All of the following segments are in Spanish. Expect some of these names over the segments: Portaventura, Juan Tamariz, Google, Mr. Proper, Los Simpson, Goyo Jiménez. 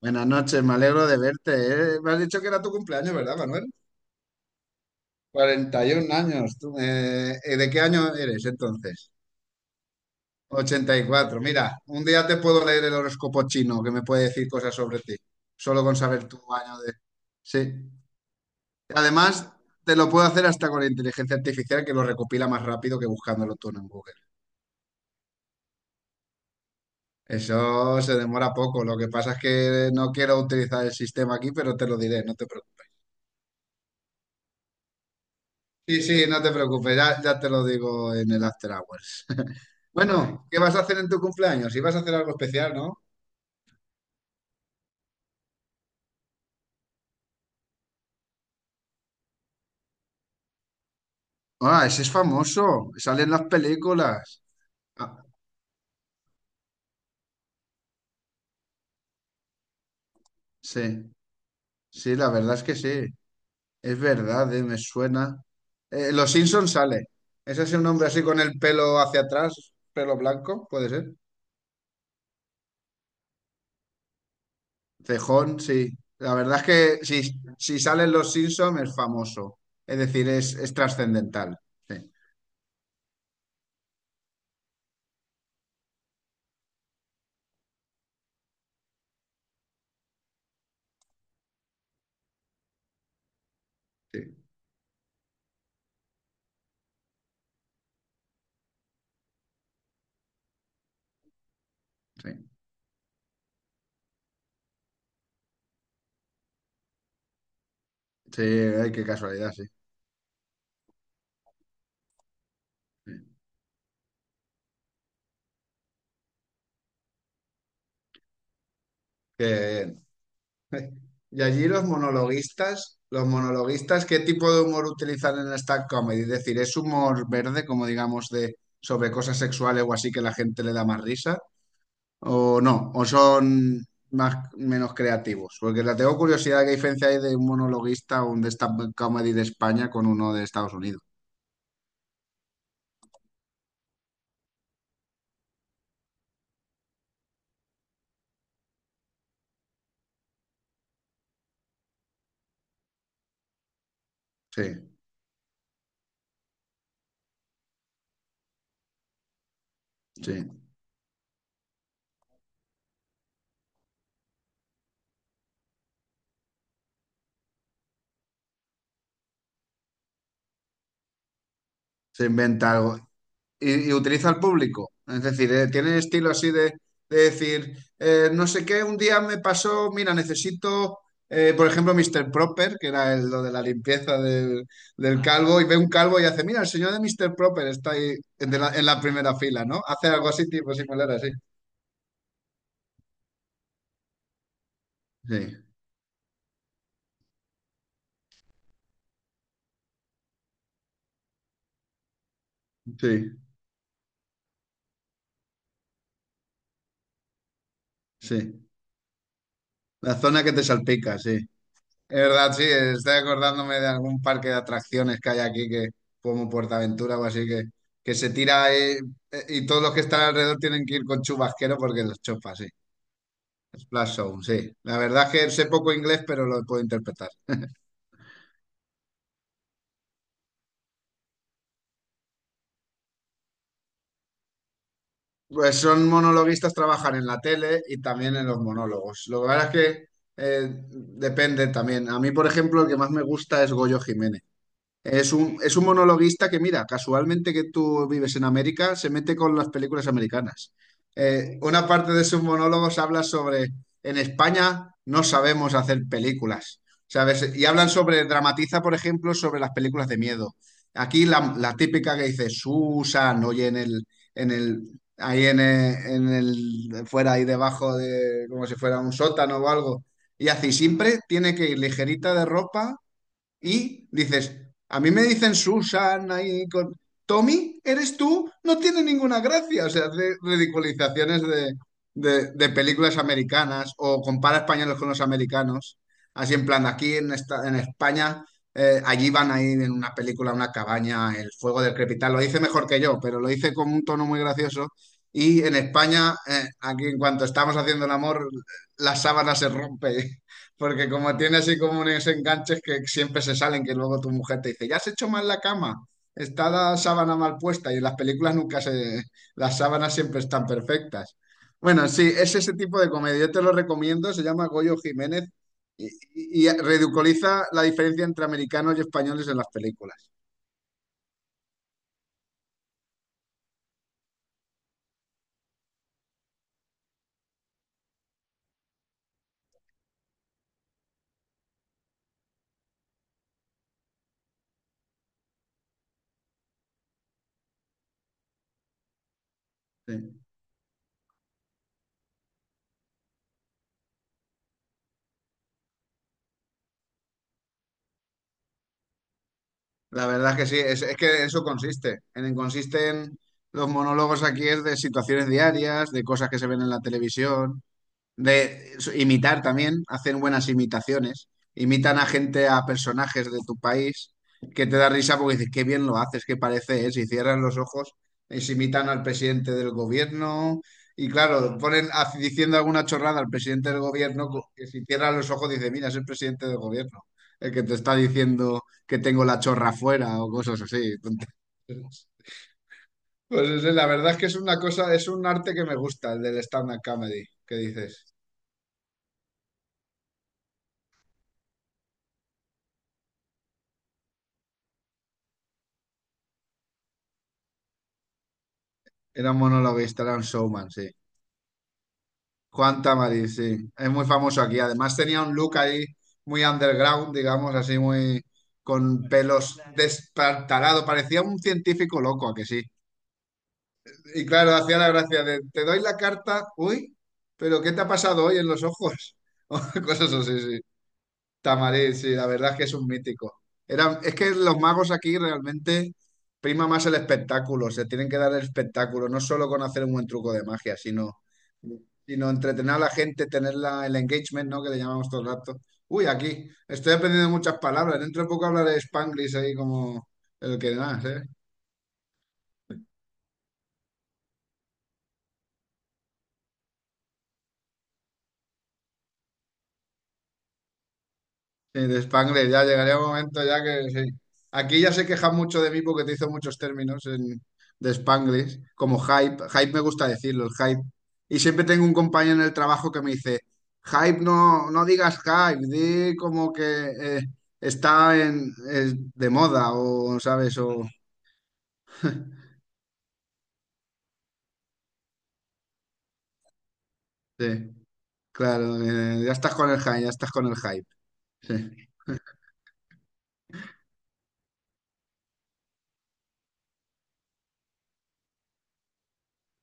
Buenas noches, me alegro de verte. ¿Eh? Me has dicho que era tu cumpleaños, ¿verdad, Manuel? 41 años. Tú, ¿de qué año eres entonces? 84. Mira, un día te puedo leer el horóscopo chino que me puede decir cosas sobre ti, solo con saber tu año de... Sí. Además, te lo puedo hacer hasta con la inteligencia artificial que lo recopila más rápido que buscándolo tú en Google. Eso se demora poco. Lo que pasa es que no quiero utilizar el sistema aquí, pero te lo diré, no te preocupes. Sí, sí, no te preocupes, ya, ya te lo digo en el After Hours. Bueno, ¿qué vas a hacer en tu cumpleaños? Ibas a hacer algo especial, ¿no? Ah, ese es famoso, sale en las películas. Ah, sí, sí, la verdad es que sí, es verdad, me suena. Los Simpson sale. ¿Es ese un hombre así con el pelo hacia atrás, pelo blanco? ¿Puede ser? Cejón, sí. La verdad es que si salen Los Simpson es famoso, es decir, es trascendental. Sí, sí, sí. Sí, ay, qué casualidad, sí. Qué bien. Y allí los monologuistas, ¿qué tipo de humor utilizan en esta comedy? Es decir, ¿es humor verde, como digamos, de sobre cosas sexuales o así que la gente le da más risa? ¿O no? ¿O son más menos creativos? Porque la tengo curiosidad qué diferencia hay de un monologuista o un de esta comedy de España con uno de Estados Unidos. Sí, sí. Se inventa algo. Y utiliza al público. Es decir, tiene estilo así de decir, no sé qué, un día me pasó, mira, necesito, por ejemplo, Mr. Proper, que era el, lo de la limpieza del calvo, y ve un calvo y hace, mira, el señor de Mr. Proper está ahí en, de la, en la primera fila, ¿no? Hace algo así, tipo similar, así. Sí, sí, sí. La zona que te salpica, sí. Es verdad, sí, estoy acordándome de algún parque de atracciones que hay aquí, que, como Portaventura o así, que se tira y todos los que están alrededor tienen que ir con chubasquero porque los chopa, sí. Splash Zone, sí. La verdad es que sé poco inglés, pero lo puedo interpretar. Pues son monologuistas, trabajan en la tele y también en los monólogos. Lo que pasa es que depende también. A mí, por ejemplo, el que más me gusta es Goyo Jiménez. Es un monologuista que, mira, casualmente que tú vives en América, se mete con las películas americanas. Una parte de sus monólogos habla sobre, en España no sabemos hacer películas, ¿sabes? Y hablan sobre, dramatiza, por ejemplo, sobre las películas de miedo. Aquí la típica que dice Susan, oye, fuera ahí debajo de, como si fuera un sótano o algo. Y así siempre tiene que ir ligerita de ropa y dices, a mí me dicen Susana y con... Tommy, ¿eres tú? No tiene ninguna gracia. O sea, hace ridiculizaciones de películas americanas o compara españoles con los americanos. Así en plan, aquí en, esta, en España, allí van a ir en una película, a una cabaña, el fuego del crepitar. Lo dice mejor que yo, pero lo dice con un tono muy gracioso. Y en España, aquí en cuanto estamos haciendo el amor, la sábana se rompe. Porque como tiene así como unos enganches que siempre se salen, que luego tu mujer te dice, ¿ya has hecho mal la cama? Está la sábana mal puesta y en las películas nunca se... Las sábanas siempre están perfectas. Bueno, sí, es ese tipo de comedia. Yo te lo recomiendo, se llama Goyo Jiménez y ridiculiza la diferencia entre americanos y españoles en las películas. Sí. La verdad es que sí, es que eso consiste. Consiste en los monólogos aquí es de situaciones diarias, de cosas que se ven en la televisión. Imitar también, hacen buenas imitaciones. Imitan a gente, a personajes de tu país, que te da risa porque dices, qué bien lo haces, qué parece es. Y cierran los ojos y se imitan al presidente del gobierno. Y claro, ponen diciendo alguna chorrada al presidente del gobierno, que si cierran los ojos dice, mira, es el presidente del gobierno, el que te está diciendo que tengo la chorra fuera o cosas así. La verdad es que es una cosa, es un arte que me gusta, el del stand-up comedy, que dices. Era un monologuista, era un showman, sí. Juan Tamariz, sí. Es muy famoso aquí. Además tenía un look ahí muy underground, digamos, así muy con pelos destartalado. Parecía un científico loco, ¿a que sí? Y claro, hacía la gracia de, te doy la carta, uy, pero ¿qué te ha pasado hoy en los ojos? Cosas así, sí. Tamarín, sí, la verdad es que es un mítico. Es que los magos aquí realmente prima más el espectáculo, se tienen que dar el espectáculo, no solo con hacer un buen truco de magia, sino entretener a la gente, tener el engagement, ¿no? Que le llamamos todo el rato. Uy, aquí, estoy aprendiendo muchas palabras, dentro de poco hablaré Spanglish ahí como el que nada. Sí, de Spangler, ya llegaría un momento ya que sí. Aquí ya se queja mucho de mí porque te hizo muchos términos de Spanglish, como hype. Hype me gusta decirlo, el hype. Y siempre tengo un compañero en el trabajo que me dice, hype no, no digas hype, di como que eh, está en, es de moda o, ¿sabes? O, sí, claro, ya estás con el hype, ya estás con el hype. Sí,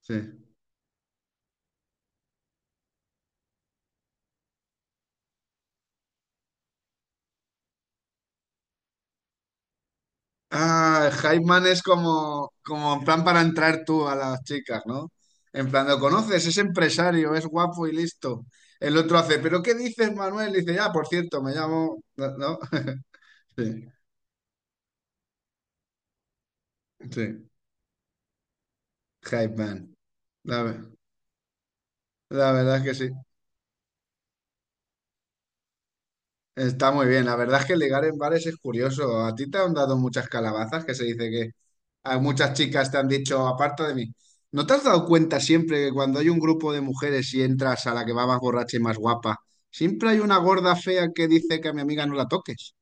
sí. Ah, hype man es como, como en plan para entrar tú a las chicas, ¿no? En plan, lo conoces, es empresario, es guapo y listo. El otro hace, ¿pero qué dices, Manuel? Dice, ya, por cierto, me llamo. ¿No? Sí, sí. Hype man. La, ve- la verdad es que sí. Está muy bien. La verdad es que ligar en bares es curioso. ¿A ti te han dado muchas calabazas que se dice a muchas chicas te han dicho, aparta de mí. ¿No te has dado cuenta siempre que cuando hay un grupo de mujeres y entras a la que va más borracha y más guapa, siempre hay una gorda fea que dice que a mi amiga no la toques?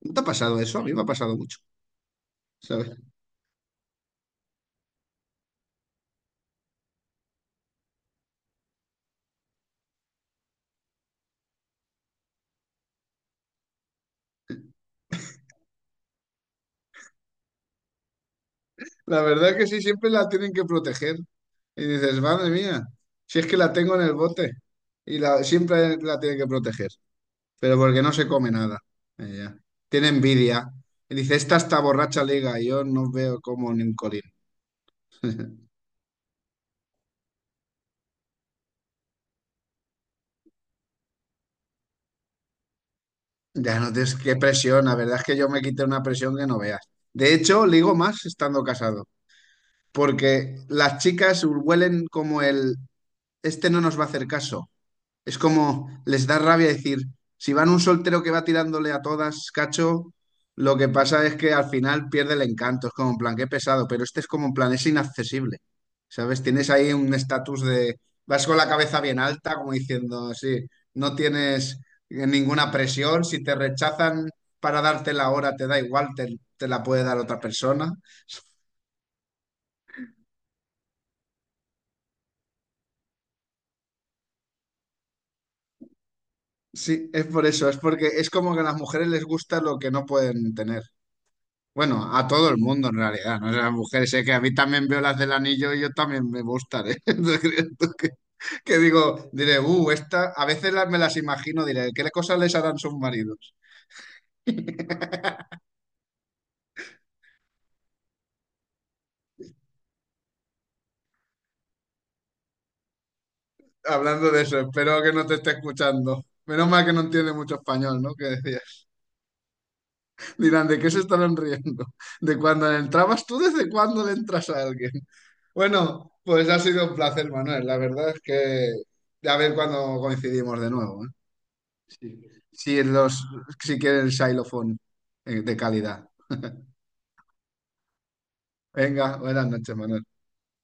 ¿No te ha pasado eso? A mí me ha pasado mucho, ¿sabes? La verdad que sí, siempre la tienen que proteger. Y dices, madre mía, si es que la tengo en el bote. Siempre la tienen que proteger, pero porque no se come nada. Ella. Tiene envidia. Y dice, esta está borracha liga, y yo no veo como ni un colín. Ya no tienes qué presión, la verdad es que yo me quité una presión que no veas. De hecho, ligo más estando casado, porque las chicas huelen como el, este no nos va a hacer caso. Es como les da rabia decir, si van un soltero que va tirándole a todas, cacho, lo que pasa es que al final pierde el encanto. Es como en plan, qué pesado, pero este es como en plan, es inaccesible. ¿Sabes? Tienes ahí un estatus de, vas con la cabeza bien alta, como diciendo, sí, no tienes ninguna presión, si te rechazan para darte la hora, te da igual, te la puede dar otra persona. Sí, es por eso, es porque es como que a las mujeres les gusta lo que no pueden tener. Bueno, a todo el mundo en realidad, ¿no? O sea, las mujeres, sé que a mí también veo las del anillo y yo también me gustaré. Entonces, creo que, que diré, esta, me las imagino, diré, ¿qué cosas les harán sus maridos? Hablando de eso, espero que no te esté escuchando. Menos mal que no entiende mucho español, ¿no? Que decía, dirán, ¿de qué se estarán riendo? ¿De cuando le entrabas tú? ¿Desde cuándo le entras a alguien? Bueno, pues ha sido un placer, Manuel. La verdad es que, a ver cuándo coincidimos de nuevo, ¿eh? Sí, sí, sí que el xilofón de calidad. Venga, buenas noches, Manuel.